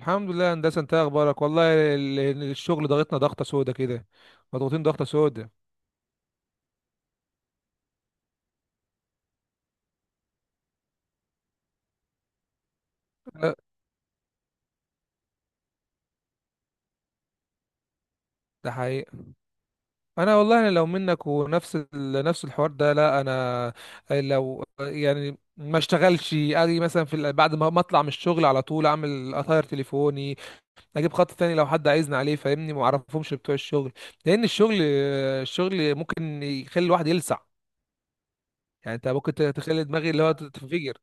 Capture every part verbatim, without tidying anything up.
الحمد لله يا هندسه. انت إيه اخبارك؟ والله ال- ال- الشغل ضغطنا ضغطه سودا كده. مضغوطين ضغطه سودا. لا، ده حقيقي. انا والله، انا لو منك ونفس ال- نفس الحوار ده، لا انا لو يعني ما اشتغلش، اجي مثلا في ال- بعد ما ما اطلع من الشغل على طول اعمل اطاير تليفوني. اجيب خط تاني لو حد عايزني عليه، فاهمني؟ ما اعرفهمش بتوع الشغل، لان الشغل، الشغل ممكن يخلي الواحد يلسع. يعني انت ممكن تخلي دماغي اللي هو تنفجر.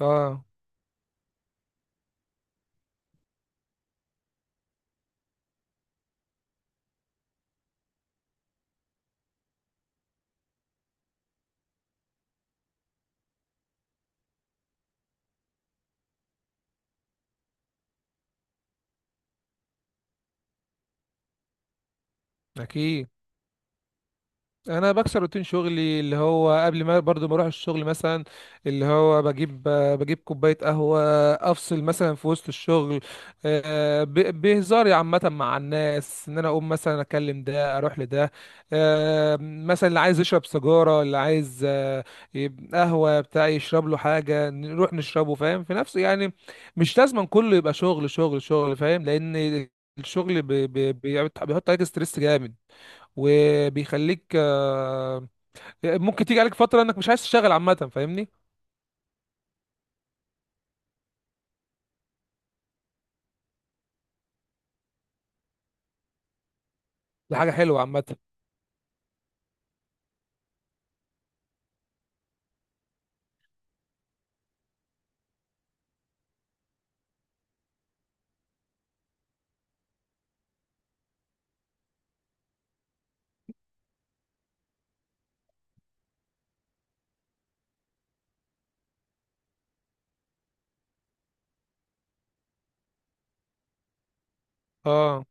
اه، اكيد. انا بكسر روتين شغلي اللي هو قبل ما برضو ما اروح الشغل مثلا، اللي هو بجيب بجيب كوبايه قهوه. افصل مثلا في وسط الشغل. آه، ب- بهزاري عامه مع الناس ان انا اقوم مثلا اكلم ده اروح لده. آه، مثلا اللي عايز يشرب سيجاره، اللي عايز آه، يب- قهوه بتاع، يشرب له حاجه نروح نشربه، فاهم؟ في نفسه يعني. مش لازم كله يبقى شغل شغل شغل، فاهم؟ لان الشغل بي- بي- بيحط عليك ستريس جامد. وبيخليك آه، ممكن تيجي عليك فترة انك مش عايز تشتغل عامة، فاهمني؟ دي حاجة حلوة عامة. اه.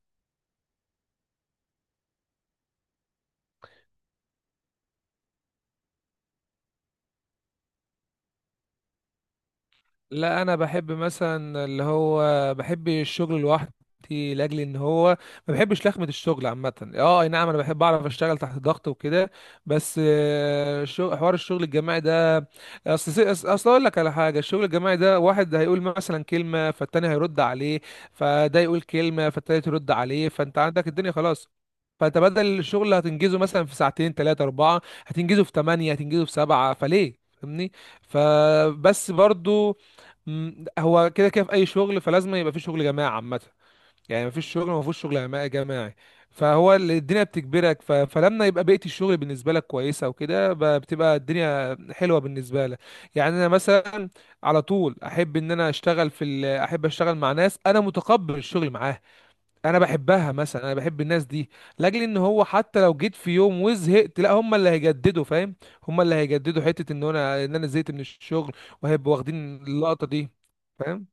لا انا بحب مثلا اللي هو، بحب الشغل لوحدي، لاجل ان هو ما بحبش لخمه الشغل عامه. اه اي نعم، انا بحب اعرف اشتغل تحت ضغط وكده. بس آه، شغ- حوار الشغل الجماعي ده، اصل سي- أص- اصل اقول لك على حاجه، الشغل الجماعي ده واحد هيقول مثلا كلمه فالتاني هيرد عليه، فده يقول كلمه فالتالت يرد عليه، فانت عندك الدنيا خلاص. فانت بدل الشغل اللي هتنجزه مثلا في ساعتين تلاتة أربعة، هتنجزه في تمانية، هتنجزه في سبعة، فليه؟ فاهمني؟ فبس برضو، مم، هو كده كده في اي شغل، فلازم يبقى في شغل جماعي عامه. يعني مفيش شغل ما فيهوش شغل جما- جماعي. فهو اللي الدنيا بتجبرك. ف... فلما يبقى بيئه الشغل بالنسبه لك كويسه وكده، ب- بتبقى الدنيا حلوه بالنسبه لك. يعني انا مثلا على طول احب ان انا اشتغل في ال، احب اشتغل مع ناس انا متقبل الشغل معاها. انا بحبها مثلا، انا بحب الناس دي، لاجل ان هو حتى لو جيت في يوم وزهقت، لا هم اللي هيجددوا، فاهم؟ هم اللي هيجددوا حته ان انا، ان انا زهقت من الشغل. وهيبقوا واخدين اللقطه دي، فاهم؟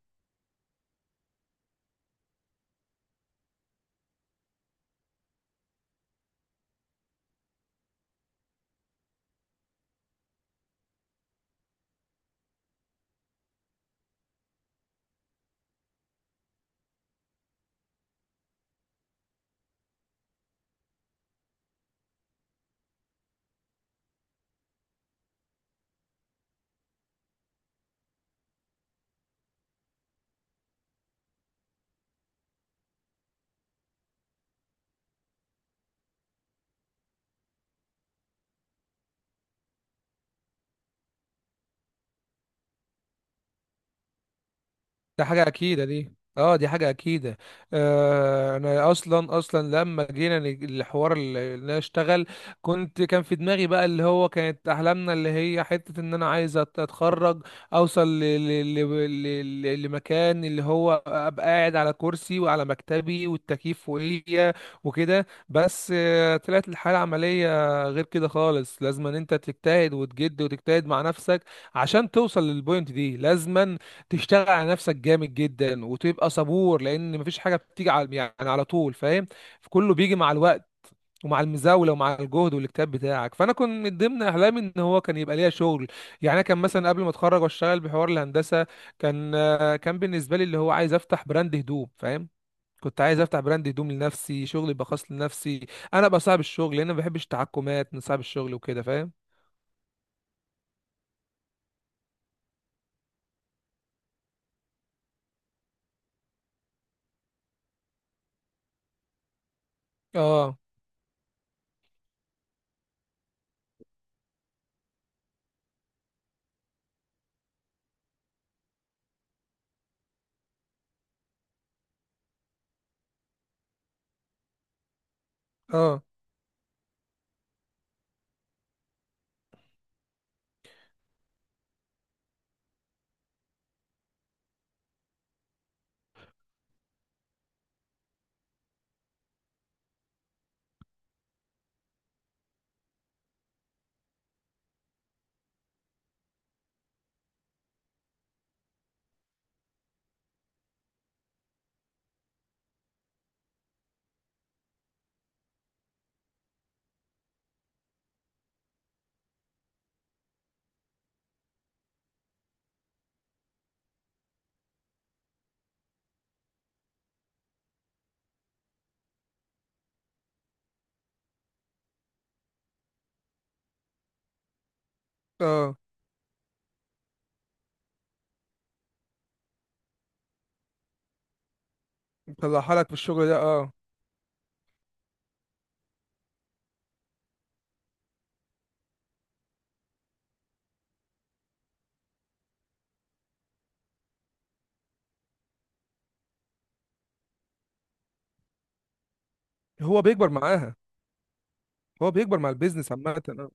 ده حاجة أكيدة دي، اه دي حاجة أكيدة. آه أنا أصلا أصلا لما جينا نج- الحوار اللي اللي أنا أشتغل، كنت كان في دماغي بقى اللي هو كانت أحلامنا اللي هي حتة إن أنا عايز أت- أتخرج، أوصل ل... ل... ل... ل... ل- لمكان اللي هو أبقى قاعد على كرسي وعلى مكتبي والتكييف فوقيا وكده. بس آه طلعت الحالة العملية غير كده خالص. لازم إن أنت تجتهد وتجد وتجتهد مع نفسك عشان توصل للبوينت دي. لازما تشتغل على نفسك جامد جدا وتبقى صبور، لان مفيش حاجه بتيجي على يعني على طول، فاهم؟ فكله بيجي مع الوقت، ومع المزاوله ومع الجهد والاجتهاد بتاعك. فانا كنت من ضمن احلامي ان هو كان يبقى ليا شغل. يعني انا كان مثلا قبل ما اتخرج واشتغل بحوار الهندسه، كان آه، كان بالنسبه لي اللي هو عايز افتح براند هدوم، فاهم؟ كنت عايز افتح براند هدوم لنفسي، شغل يبقى خاص لنفسي، انا ابقى صاحب الشغل، لان ما بحبش التحكمات من صاحب الشغل وكده، فاهم؟ اه. اه. اه طلعها لك في الشغل ده اه. هو بيكبر معاها. هو بيكبر مع البيزنس عامة آه.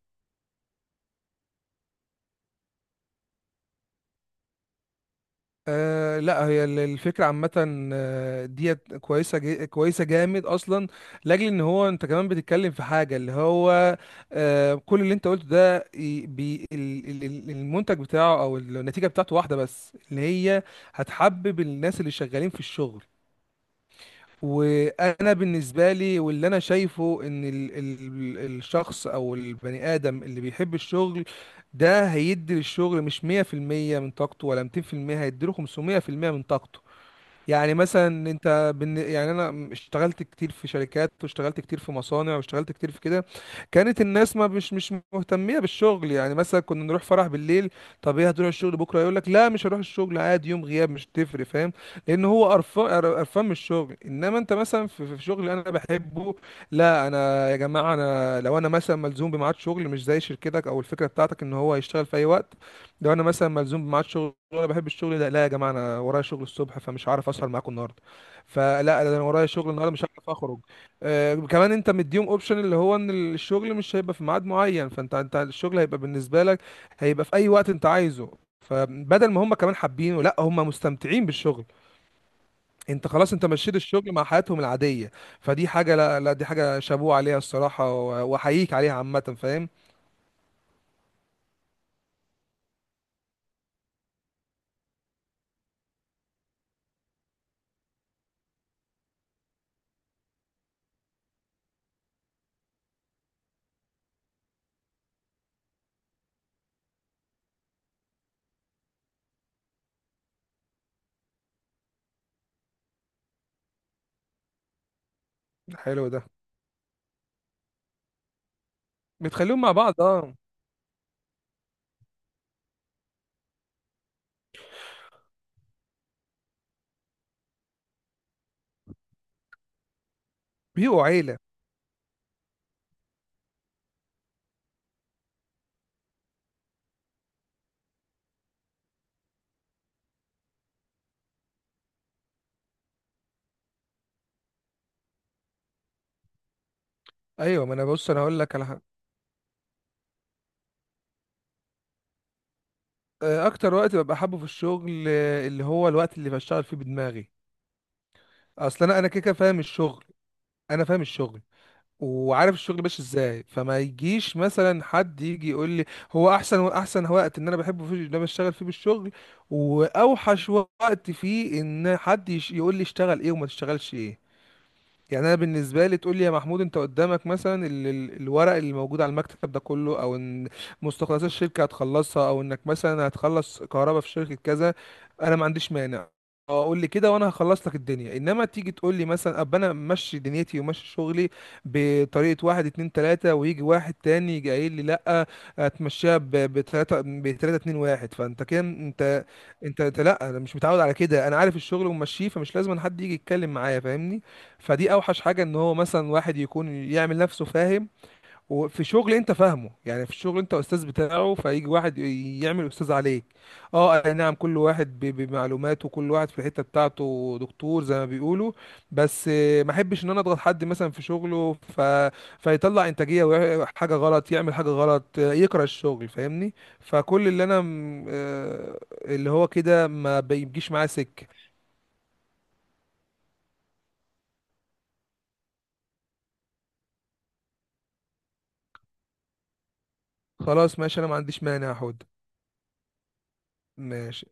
آه لا هي ال- الفكرة عامة آه، ديت كويسة جي كويسة جامد أصلا، لأجل إن هو أنت كمان بتتكلم في حاجة اللي هو، آه كل اللي أنت قلته ده ي- بي ال- ال- ال- المنتج بتاعه أو النتيجة بتاعته واحدة، بس اللي هي هتحبب الناس اللي شغالين في الشغل. وانا بالنسبه لي، واللي انا شايفه ان ال ال الشخص او البني ادم اللي بيحب الشغل ده هيدي للشغل مش مية بالمية من طاقته ولا ميتين بالمية، هيديله خمسمية بالمية من طاقته. يعني مثلا انت بن... يعني انا اشتغلت كتير في شركات، واشتغلت كتير في مصانع، واشتغلت كتير في كده، كانت الناس ما مش مش مهتميه بالشغل. يعني مثلا كنا نروح فرح بالليل، طب ايه هتروح الشغل بكره؟ يقول لك لا مش هروح الشغل عادي، يوم غياب مش تفرق، فاهم؟ لان هو قرفان، قرفان من الشغل. انما انت مثلا في، في شغل انا بحبه، لا انا يا جماعه انا لو انا مثلا ملزوم بميعاد شغل، مش زي شركتك او الفكره بتاعتك ان هو يشتغل في اي وقت، لو انا مثلا ملزوم بميعاد شغل وانا بحب الشغل ده، لا يا جماعه انا ورايا شغل الصبح فمش هعرف اسهر معاكم النهارده، فلا ده انا ورايا شغل النهارده مش هعرف اخرج. آه كمان انت مديهم اوبشن اللي هو ان الشغل مش هيبقى في ميعاد معين، فانت، انت الشغل هيبقى بالنسبه لك، هيبقى في اي وقت انت عايزه. فبدل ما هم كمان حابينه، لا هم مستمتعين بالشغل. انت خلاص انت مشيت الشغل مع حياتهم العاديه. فدي حاجه، لا لا دي حاجه شابوه عليها الصراحه، و- واحييك عليها عامه، فاهم؟ حلو ده. بتخليهم مع بعض اه. بيبقوا عيله. ايوه ما انا بص، انا هقول لك على حاجه. آه، اكتر وقت ببقى حابه في الشغل آه، اللي هو الوقت اللي بشتغل فيه بدماغي. اصل انا، انا كده كده فاهم الشغل. انا فاهم الشغل وعارف الشغل ماشي ازاي، فما يجيش مثلا حد يجي يقول لي. هو احسن احسن وقت ان انا بحبه فيه ان انا بشتغل فيه بالشغل، واوحش وقت فيه ان حد يش- يقول لي اشتغل ايه وما تشتغلش ايه. يعني انا بالنسبه لي تقول لي يا محمود انت قدامك مثلا ال- ال- الورق اللي موجود على المكتب ده كله، او ان مستخلصات الشركه هتخلصها، او انك مثلا هتخلص كهرباء في شركه كذا، انا ما عنديش مانع. اه قول لي كده وانا هخلص لك الدنيا. انما تيجي تقول لي مثلا، اب انا ماشي دنيتي وماشي شغلي بطريقه واحد اتنين تلاته، ويجي واحد تاني يجي قايل لي لا هتمشيها ب- بتلاته، بتلاته اتنين واحد، فانت كده انت انت أنت، لا، انا مش متعود على كده، انا عارف الشغل وماشيه، فمش لازم حد يجي يتكلم معايا، فاهمني؟ فدي اوحش حاجه، ان هو مثلا واحد يكون يعمل نفسه، فاهم؟ وفي شغل انت فاهمه، يعني في شغل انت استاذ بتاعه فيجي واحد يعمل استاذ عليك. اه اي نعم، كل واحد ب- بمعلوماته، كل واحد في الحته بتاعته دكتور زي ما بيقولوا. بس آه، ما احبش ان انا اضغط حد مثلا في شغله، ف... فيطلع انتاجيه وح- حاجه غلط، يعمل حاجه غلط آه، يكره الشغل، فاهمني؟ فكل اللي انا م- آه، اللي هو كده ما بيجيش معاه سكه. خلاص ماشي انا ما عنديش مانع، هاخد. ماشي.